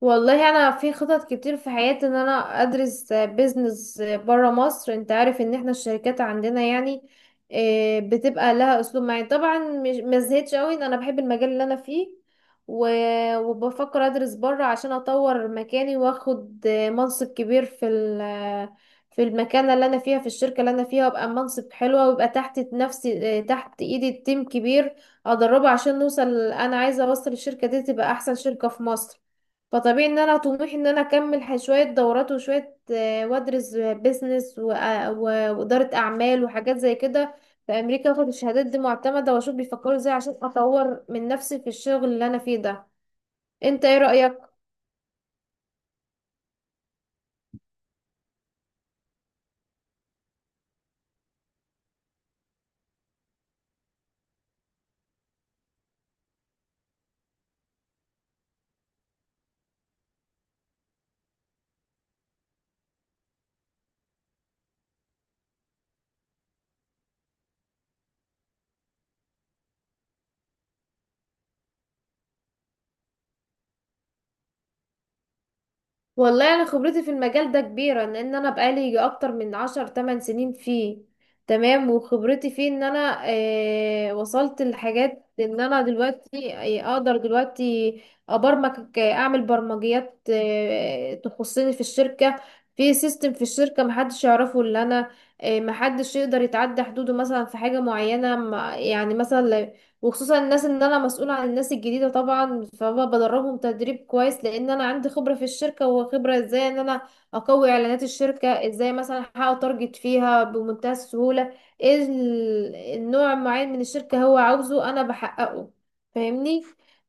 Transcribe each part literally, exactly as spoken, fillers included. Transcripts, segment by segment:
والله انا في خطط كتير في حياتي ان انا ادرس بيزنس برا مصر. انت عارف ان احنا الشركات عندنا يعني آه، بتبقى لها اسلوب معين. طبعا مش ما زهقتش قوي ان انا بحب المجال اللي انا فيه، و- وبفكر ادرس برا عشان اطور مكاني واخد آه، منصب كبير في ال- في المكانه اللي انا فيها في الشركه اللي انا فيها، وابقى منصب حلوه ويبقى تحت نفسي، آه، تحت ايدي تيم كبير ادربه عشان نوصل. انا عايزه اوصل الشركه دي تبقى احسن شركه في مصر. فطبيعي ان انا طموحي ان انا اكمل ح- شوية دورات وشوية، آه، وادرس بيزنس و- آه، و- وادارة اعمال وحاجات زي كده في امريكا، واخد الشهادات دي معتمدة واشوف بيفكروا ازاي عشان اطور من نفسي في الشغل اللي انا فيه ده. انت ايه رأيك؟ والله انا خبرتي في المجال ده كبيره لان انا بقالي يجي اكتر من عشر تمن سنين فيه. تمام. وخبرتي فيه ان انا آه وصلت لحاجات، ان انا دلوقتي آه، اقدر دلوقتي ابرمج، آه، اعمل برمجيات آه تخصني في الشركه، في سيستم في الشركه محدش يعرفه الا انا. آه محدش يقدر يتعدى حدوده مثلا في حاجه معينه، ما- يعني مثلا، وخصوصا الناس، ان انا مسؤولة عن الناس الجديدة. طبعا فبدربهم تدريب كويس لان انا عندي خبرة في الشركة، وخبرة ازاي ان انا اقوي اعلانات الشركة، ازاي مثلا احقق تارجت فيها بمنتهى السهولة. ايه ال- النوع معين من الشركة هو عاوزه انا بحققه. فاهمني؟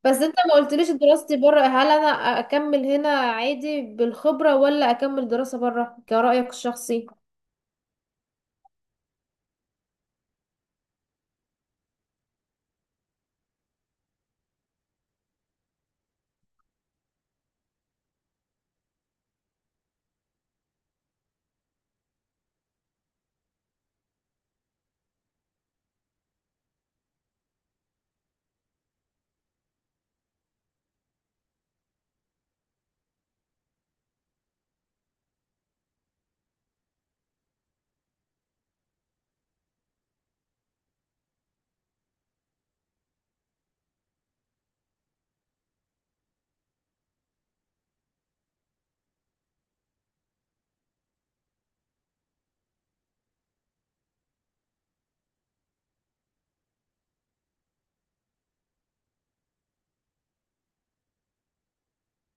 بس انت ما قلتليش دراستي بره، هل انا اكمل هنا عادي بالخبرة ولا اكمل دراسة بره كرأيك الشخصي؟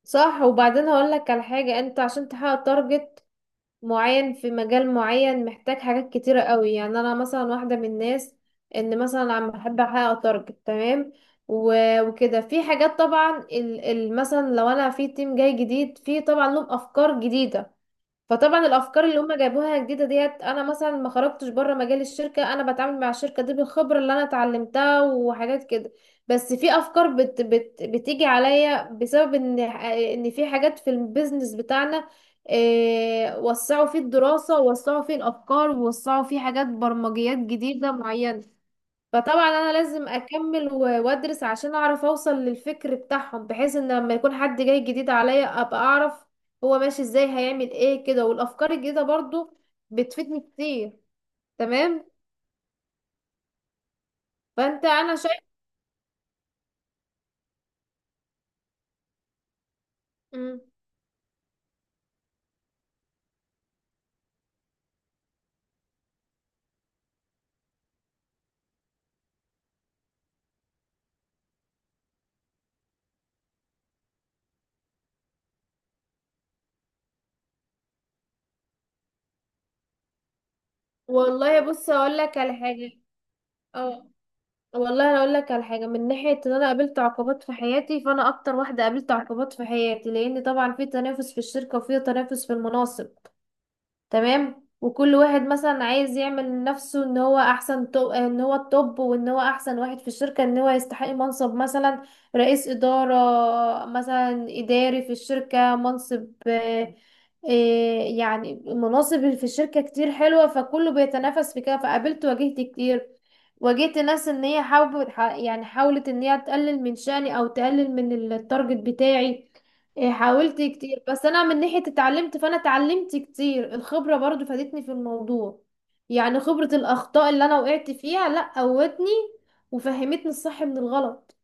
صح. وبعدين هقول لك على حاجة. انت عشان تحقق تارجت معين في مجال معين محتاج حاجات كتيرة قوي. يعني انا مثلا واحدة من الناس ان مثلا عم بحب احقق تارجت. تمام. و- وكده في حاجات طبعا ال ال مثلا لو انا في تيم جاي جديد، في طبعا لهم افكار جديدة. فطبعا الافكار اللي هم جايبوها جديده ديت، انا مثلا ما خرجتش بره مجال الشركه، انا بتعامل مع الشركه دي بالخبره اللي انا اتعلمتها وحاجات كده. بس في افكار بت بت بتيجي عليا بسبب ان ان في حاجات في البيزنس بتاعنا إيه، وسعوا فيه الدراسه، ووسعوا فيه الافكار، ووسعوا فيه حاجات برمجيات جديده معينه. فطبعا انا لازم اكمل و- وادرس عشان اعرف اوصل للفكر بتاعهم، بحيث ان لما يكون حد جاي جديد عليا ابقى اعرف هو ماشي ازاي، هيعمل ايه كده. والافكار الجديدة برضو بتفيدني كتير. تمام. فانت انا شايف. مم. والله بص اقول لك على حاجة. اه. والله انا اقول لك على حاجة من ناحية ان انا قابلت عقبات في حياتي. فانا اكتر واحدة قابلت عقبات في حياتي لان طبعا في تنافس في الشركة وفي تنافس في المناصب. تمام. وكل واحد مثلا عايز يعمل لنفسه ان هو احسن، تو... ان هو التوب وان هو احسن واحد في الشركة، ان هو يستحق منصب مثلا رئيس إدارة، مثلا إداري في الشركة، منصب، آه، آه، يعني مناصب في الشركة كتير حلوة، فكله بيتنافس في كده. فقابلت، واجهت كتير. واجهت ناس ان هي حاول، ح- يعني حاولت ان هي تقلل من شأني او تقلل من التارجت بتاعي. إيه، حاولت كتير. بس انا من ناحية اتعلمت، فانا اتعلمت كتير. الخبرة برضو فادتني في الموضوع. يعني خبرة الاخطاء اللي انا وقعت فيها لا قوتني وفهمتني الصح من الغلط.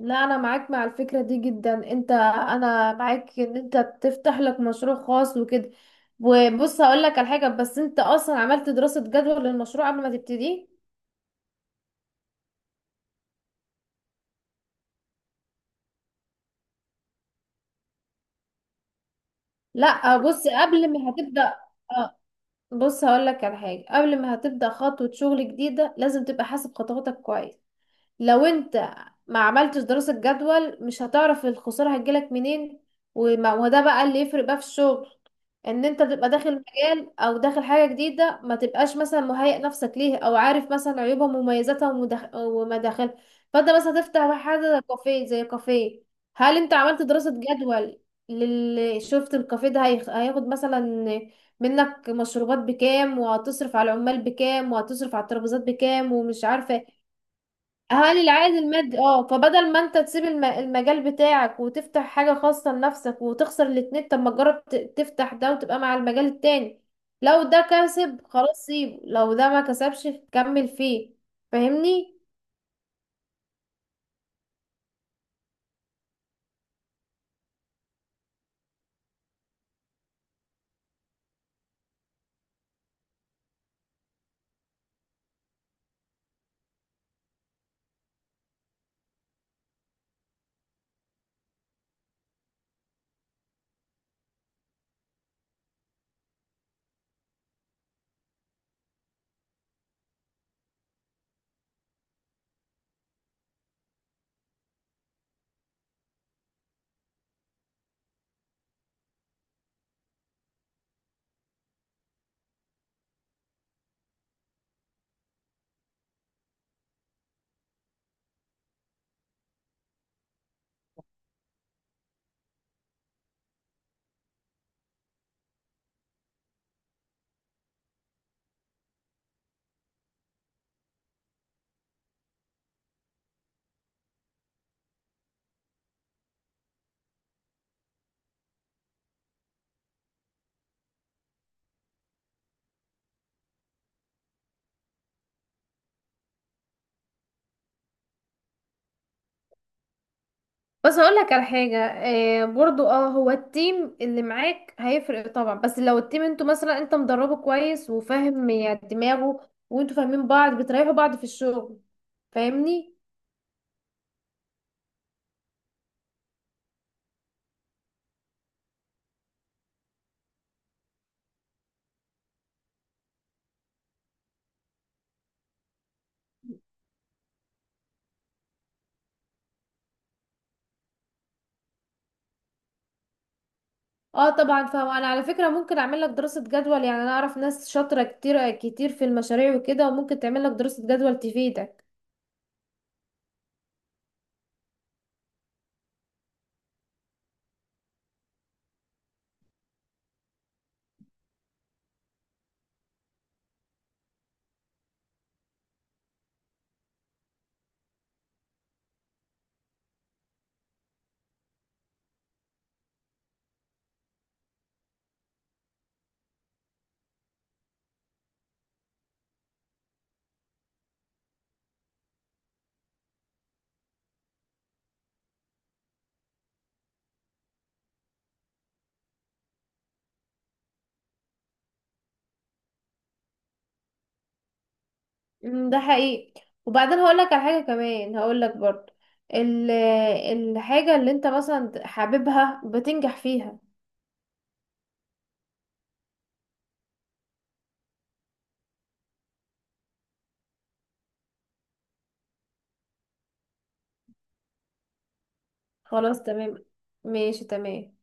لا، انا معاك مع الفكرة دي جدا. انت، انا معاك ان انت تفتح لك مشروع خاص وكده. وبص هقول لك على حاجة، بس انت اصلا عملت دراسة جدوى للمشروع قبل ما تبتديه؟ لا بص، قبل ما هتبدأ، آه، بص هقولك على حاجة، قبل ما هتبدأ خطوة شغل جديدة لازم تبقى حاسب خطواتك كويس. لو انت ما عملتش دراسة جدول مش هتعرف الخسارة هتجيلك منين. وما- وده بقى اللي يفرق بقى في الشغل، ان انت تبقى داخل مجال او داخل حاجة جديدة، ما تبقاش مثلا مهيئ نفسك ليه، او عارف مثلا عيوبها ومميزاتها ومداخ- ومداخلها. فانت مثلا هتفتح حاجة زي كافيه، زي كافيه. هل انت عملت دراسة جدول للي شفت الكافيه ده هيخ- هياخد مثلا منك مشروبات بكام، وهتصرف على العمال بكام، وهتصرف على الترابيزات بكام، ومش عارفة هل العائد المادي اه؟ فبدل ما انت تسيب الم... المجال بتاعك وتفتح حاجة خاصة لنفسك وتخسر الاتنين، طب ما تجرب ت... تفتح ده وتبقى مع المجال التاني. لو ده كسب خلاص سيبه، لو ده ما كسبش كمل فيه. فاهمني؟ بس هقول لك على حاجة، آه برضو اه. هو التيم اللي معاك هيفرق طبعا، بس لو التيم انتوا مثلا انت مدربه كويس وفاهم يعني دماغه وانتوا فاهمين بعض بتريحوا بعض في الشغل. فاهمني؟ اه طبعا فاهمة. انا على فكرة ممكن اعمل لك دراسة جدول. يعني انا اعرف ناس شاطرة كتير كتير في المشاريع وكده، وممكن تعمل لك دراسة جدول تفيدك. أمم، ده حقيقي. وبعدين هقول لك على حاجة كمان، هقول لك برضو ال- الحاجة اللي انت مثلا حاببها بتنجح فيها. خلاص تمام. ماشي تمام.